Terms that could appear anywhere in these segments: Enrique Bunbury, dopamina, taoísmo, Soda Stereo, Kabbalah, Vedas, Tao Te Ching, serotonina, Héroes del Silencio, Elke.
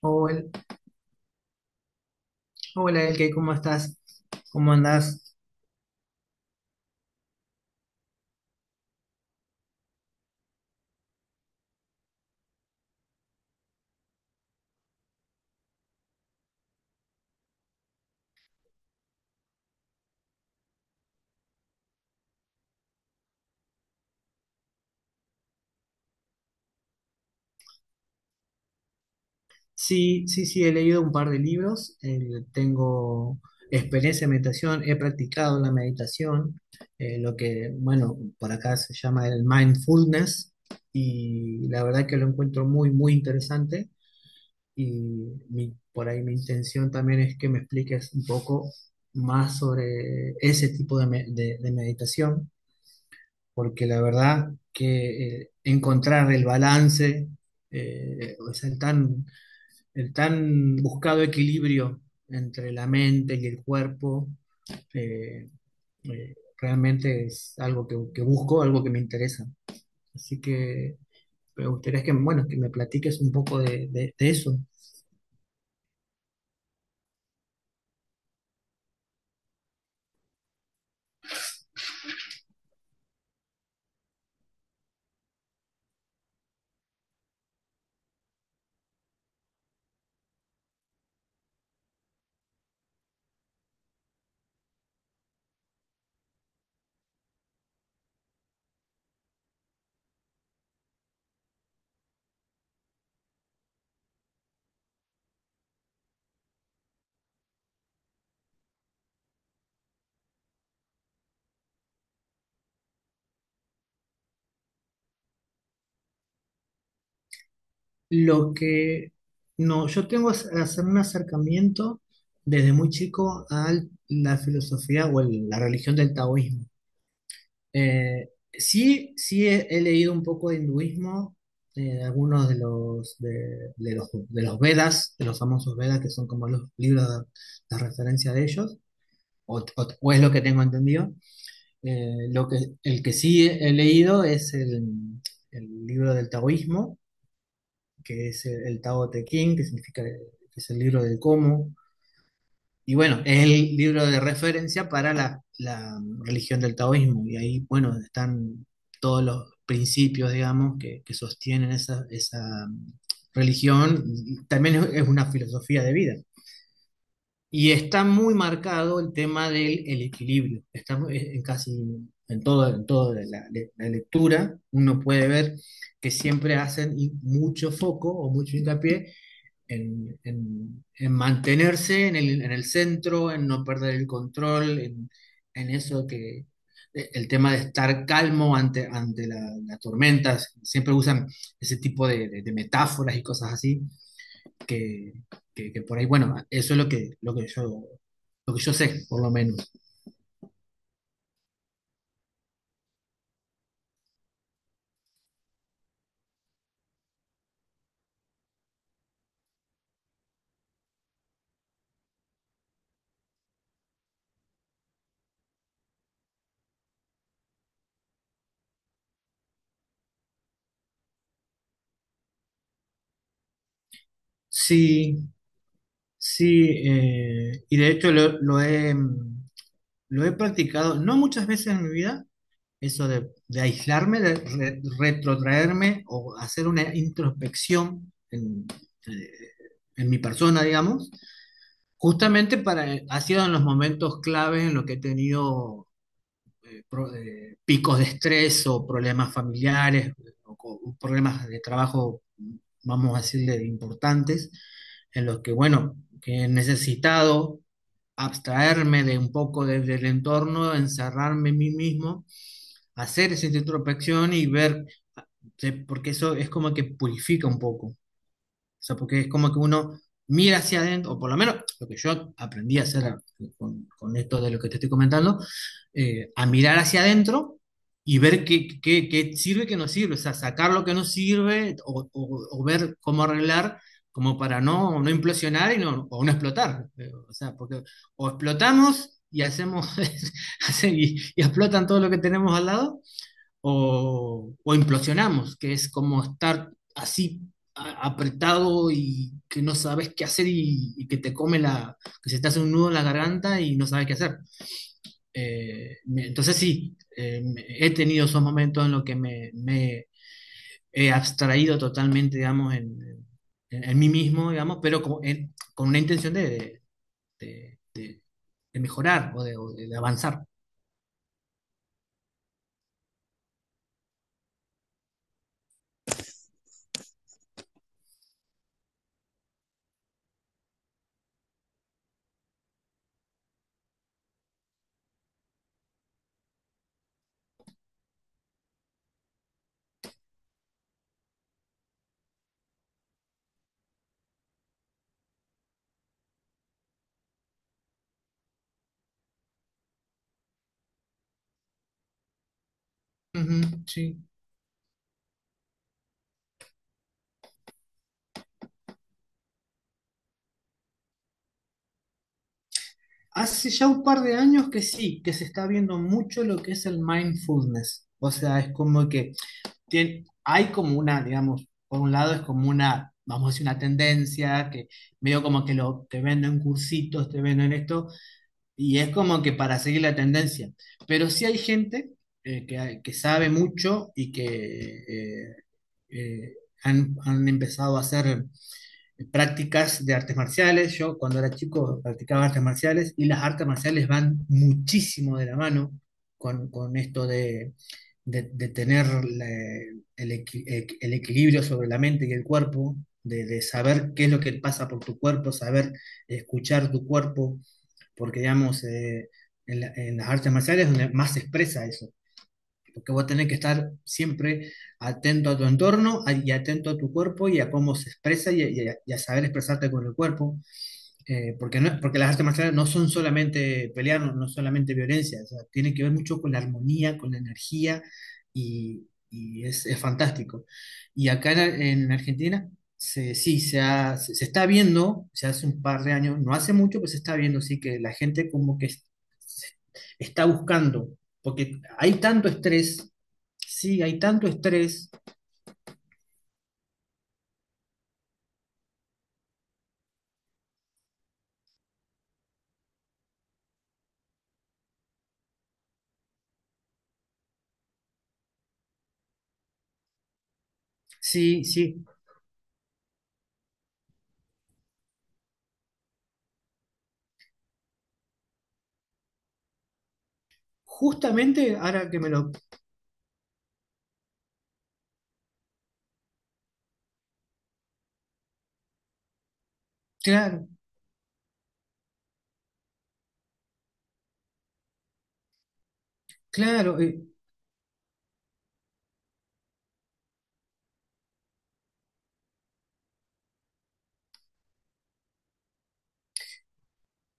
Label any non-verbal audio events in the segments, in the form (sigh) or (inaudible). Hola, hola Elke, ¿cómo estás? ¿Cómo andás? Sí, sí, sí, he leído un par de libros, tengo experiencia en meditación, he practicado la meditación, bueno, por acá se llama el mindfulness, y la verdad que lo encuentro muy, muy interesante, y por ahí mi intención también es que me expliques un poco más sobre ese tipo de, me- de meditación porque la verdad que encontrar el balance, o sea, el tan buscado equilibrio entre la mente y el cuerpo, eh, realmente es algo que busco, algo que me interesa. Así que me gustaría que, bueno, que me platiques un poco de eso. Lo que no, yo tengo es hacer un acercamiento desde muy chico a la filosofía o la religión del taoísmo. Sí, sí he leído un poco de hinduismo, algunos de los Vedas, de los famosos Vedas, que son como los libros de referencia de ellos, o es lo que tengo entendido. Eh, lo que, el que sí he leído es el libro del taoísmo, que es el Tao Te Ching, que significa que es el libro del cómo, y bueno, es el libro de referencia para la religión del taoísmo. Y ahí, bueno, están todos los principios, digamos, que sostienen esa religión. Y también es una filosofía de vida. Y está muy marcado el tema del el equilibrio. Está en casi en todo, en toda lectura, uno puede ver que siempre hacen mucho foco o mucho hincapié en mantenerse en el centro, en no perder el control, en eso que el tema de estar calmo ante, las tormentas, siempre usan ese tipo de metáforas y cosas así, que, que por ahí, bueno, eso es lo que yo sé, por lo menos. Sí, sí, y de hecho lo he practicado, no muchas veces en mi vida. Eso de aislarme, de retrotraerme o hacer una introspección eh, en mi persona, digamos, justamente para, ha sido en los momentos claves en los que he tenido picos de estrés o problemas familiares o problemas de trabajo, vamos a decirle, importantes, en los que, bueno, que he necesitado abstraerme de un poco del entorno, encerrarme en mí mismo hacer esa introspección y ver, porque eso es como que purifica un poco, o sea, porque es como que uno mira hacia adentro, o por lo menos lo que yo aprendí a hacer con esto de lo que te estoy comentando, a mirar hacia adentro y ver qué sirve y qué no sirve, o sea, sacar lo que no sirve o ver cómo arreglar. Como para no implosionar y no, o no explotar. O sea, porque o explotamos y hacemos (laughs) y explotan todo lo que tenemos al lado, o implosionamos, que es como estar así apretado y que no sabes qué hacer y que te come que se te hace un nudo en la garganta y no sabes qué hacer. Entonces sí, he tenido esos momentos en los que me he abstraído totalmente, digamos, en mí mismo, digamos, pero con una intención de- de- de mejorar o de avanzar. Ujú, sí. Hace ya un par de años que sí, que se está viendo mucho lo que es el mindfulness. O sea, es como que hay como una, digamos, por un lado es como una, vamos a decir, una tendencia que medio como que te venden cursitos, te venden esto, y es como que para seguir la tendencia. Pero sí hay gente que sabe mucho y que eh, eh, han empezado a hacer prácticas de artes marciales. Yo cuando era chico practicaba artes marciales y las artes marciales van muchísimo de la mano con esto de tener el, equi- el equilibrio sobre la mente y el cuerpo, de saber qué es lo que pasa por tu cuerpo, saber escuchar tu cuerpo, porque digamos, en las artes marciales es donde más se expresa eso porque vos tenés que estar siempre atento a tu entorno y atento a tu cuerpo y a cómo se expresa y a saber expresarte con el cuerpo. Porque, porque las artes marciales no son solamente pelear, no, no solamente violencia, o sea, tiene que ver mucho con la armonía, con la energía y es fantástico. Y acá en Argentina, sí, se está viendo, se hace un par de años, no hace mucho, pues se está viendo, sí, que la gente como que se- está buscando, porque hay tanto estrés, sí, hay tanto estrés, sí, sí. Justamente ahora que me lo... Claro, claro.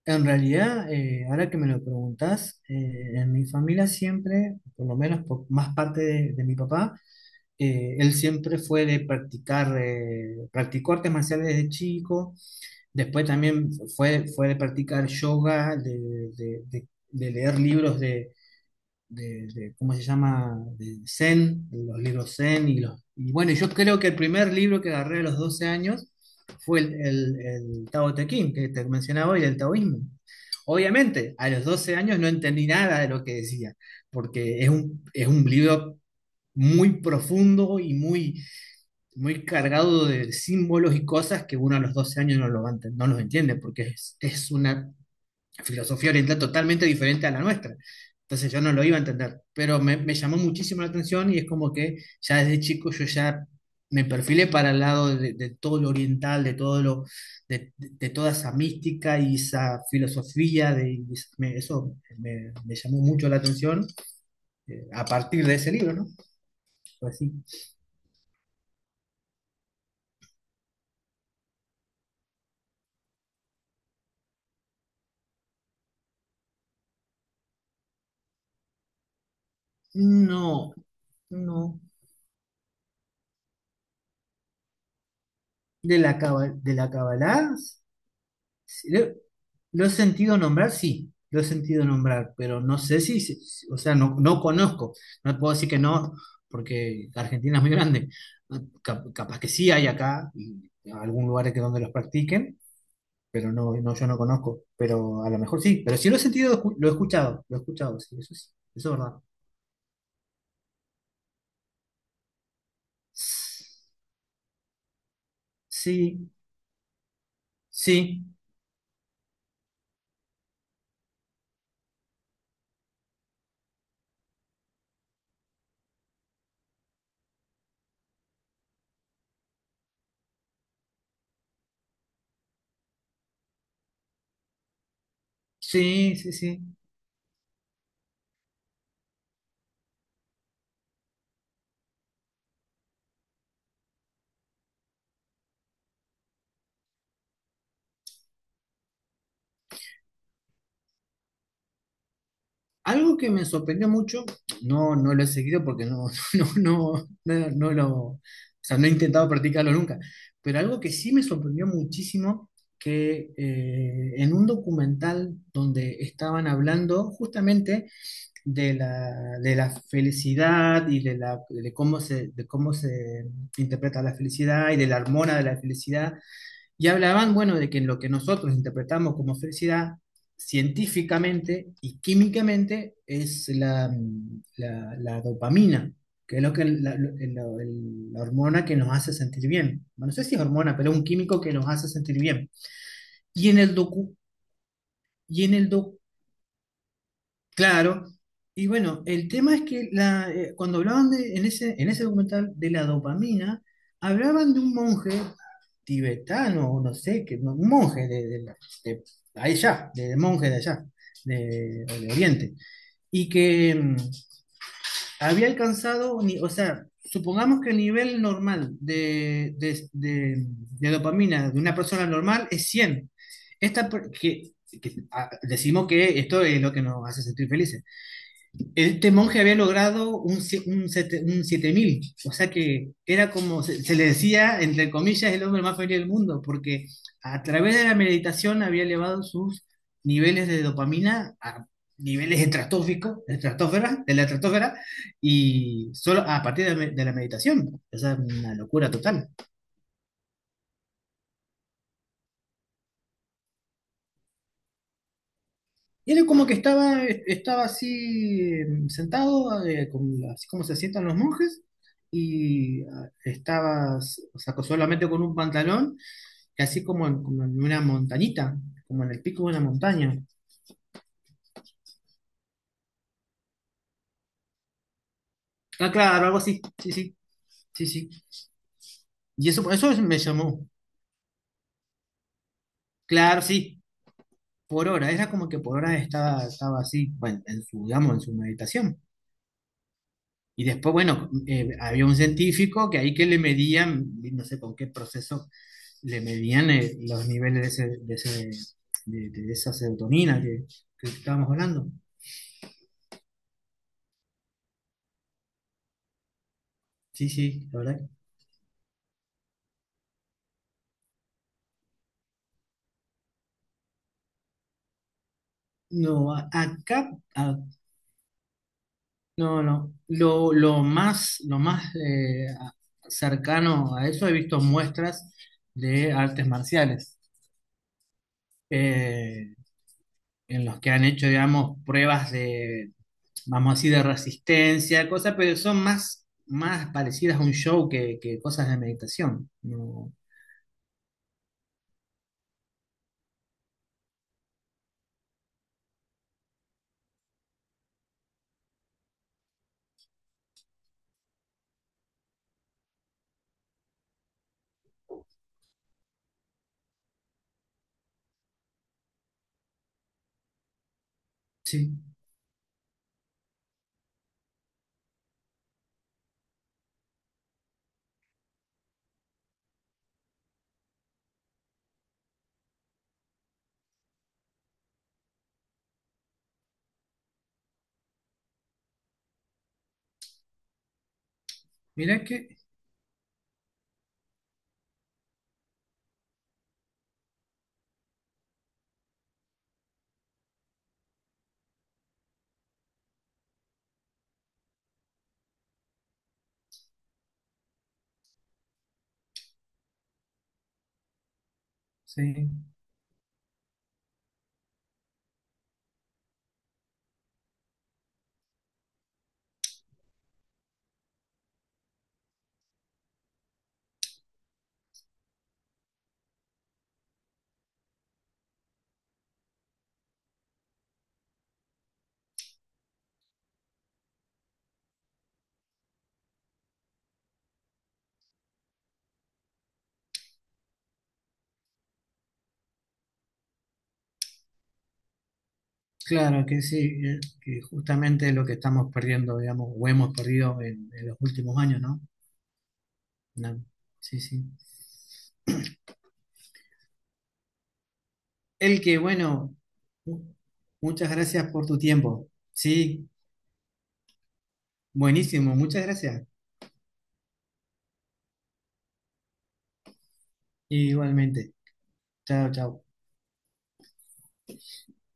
En realidad, ahora que me lo preguntás, en mi familia siempre, por lo menos por más parte de mi papá, él siempre fue de practicar, practicó artes marciales desde chico, después también fue de practicar yoga, de leer libros de ¿cómo se llama? De Zen, de los libros Zen y los... Y bueno, yo creo que el primer libro que agarré a los 12 años fue el Tao Te Ching, que te mencionaba hoy, el taoísmo. Obviamente, a los 12 años no entendí nada de lo que decía, porque es un libro muy profundo y muy, muy cargado de símbolos y cosas que uno a los 12 años no, lo va a enten- no los entiende, porque es una filosofía oriental totalmente diferente a la nuestra. Entonces yo no lo iba a entender, pero me llamó muchísimo la atención y es como que ya desde chico yo ya me perfilé para el lado de todo lo oriental, de todo lo, de toda esa mística y esa filosofía, de, y es- me- eso me llamó mucho la atención a partir de ese libro, ¿no? Pues sí. No, no. De la Kabbalah. Sí, lo he sentido nombrar, sí, lo he sentido nombrar, pero no sé o sea, no conozco, no puedo decir que no, porque Argentina es muy grande. Ah, capaz que sí hay acá, y algún lugar que donde los practiquen, pero no, no, yo no conozco, pero a lo mejor sí, pero sí lo he sentido, lo he escuchado, sí, eso es verdad. Sí, sí, sí, sí, sí. Sí. Algo que me sorprendió mucho, no, no lo he seguido porque no, (laughs) no, no, no, o sea, no he intentado practicarlo nunca, pero algo que sí me sorprendió muchísimo, que en un documental donde estaban hablando justamente de la, de la felicidad y de, la, de cómo se interpreta la felicidad y de la hormona de la felicidad, y hablaban, bueno, de que en lo que nosotros interpretamos como felicidad, científicamente y químicamente, es la dopamina, que es lo que la hormona que nos hace sentir bien. Bueno, no sé si es hormona, pero es un químico que nos hace sentir bien. Y en el docu, y en el doc- Claro. Y bueno, el tema es que cuando hablaban en ese documental de la dopamina, hablaban de un monje tibetano, o no sé, que, no, un monje de allá, o de Oriente, y que había alcanzado, o sea, supongamos que el nivel normal de dopamina de una persona normal es 100. Esta, per- que, ah, Decimos que esto es lo que nos hace sentir felices. Este monje había logrado un, sie- un, sete- un 7.000, o sea que era como se le decía, entre comillas, el hombre más feliz del mundo, porque a través de la meditación había elevado sus niveles de dopamina a niveles estratosféricos, estratosfera, de la estratosfera, y solo a partir de la meditación. O sea, una locura total. Y él como que estaba así sentado, así como se sientan los monjes, y estaba, o sea, solamente con un pantalón, y así como en una montañita, como en el pico de una montaña. Ah, claro, algo así, sí, sí, sí, sí. Y eso me llamó, claro, sí, por hora, era como que por hora estaba así, bueno, en su, digamos, en su meditación. Y después, bueno, había un científico que ahí que le medían, no sé con qué proceso le medían los niveles de esa serotonina que estábamos hablando. Sí, sí, la verdad. No, acá, no, no. Lo más cercano a eso he visto muestras de artes marciales eh, en los que han hecho, digamos, pruebas de, vamos así, de resistencia, cosas, pero son más parecidas a un show que cosas de meditación. No, sí. Mirá que sí, claro que sí, que justamente es lo que estamos perdiendo, digamos, o hemos perdido en los últimos años, ¿no? No, sí, sí. El que, bueno, mu- Muchas gracias por tu tiempo. Sí, buenísimo, muchas gracias. Igualmente. Chao, chao.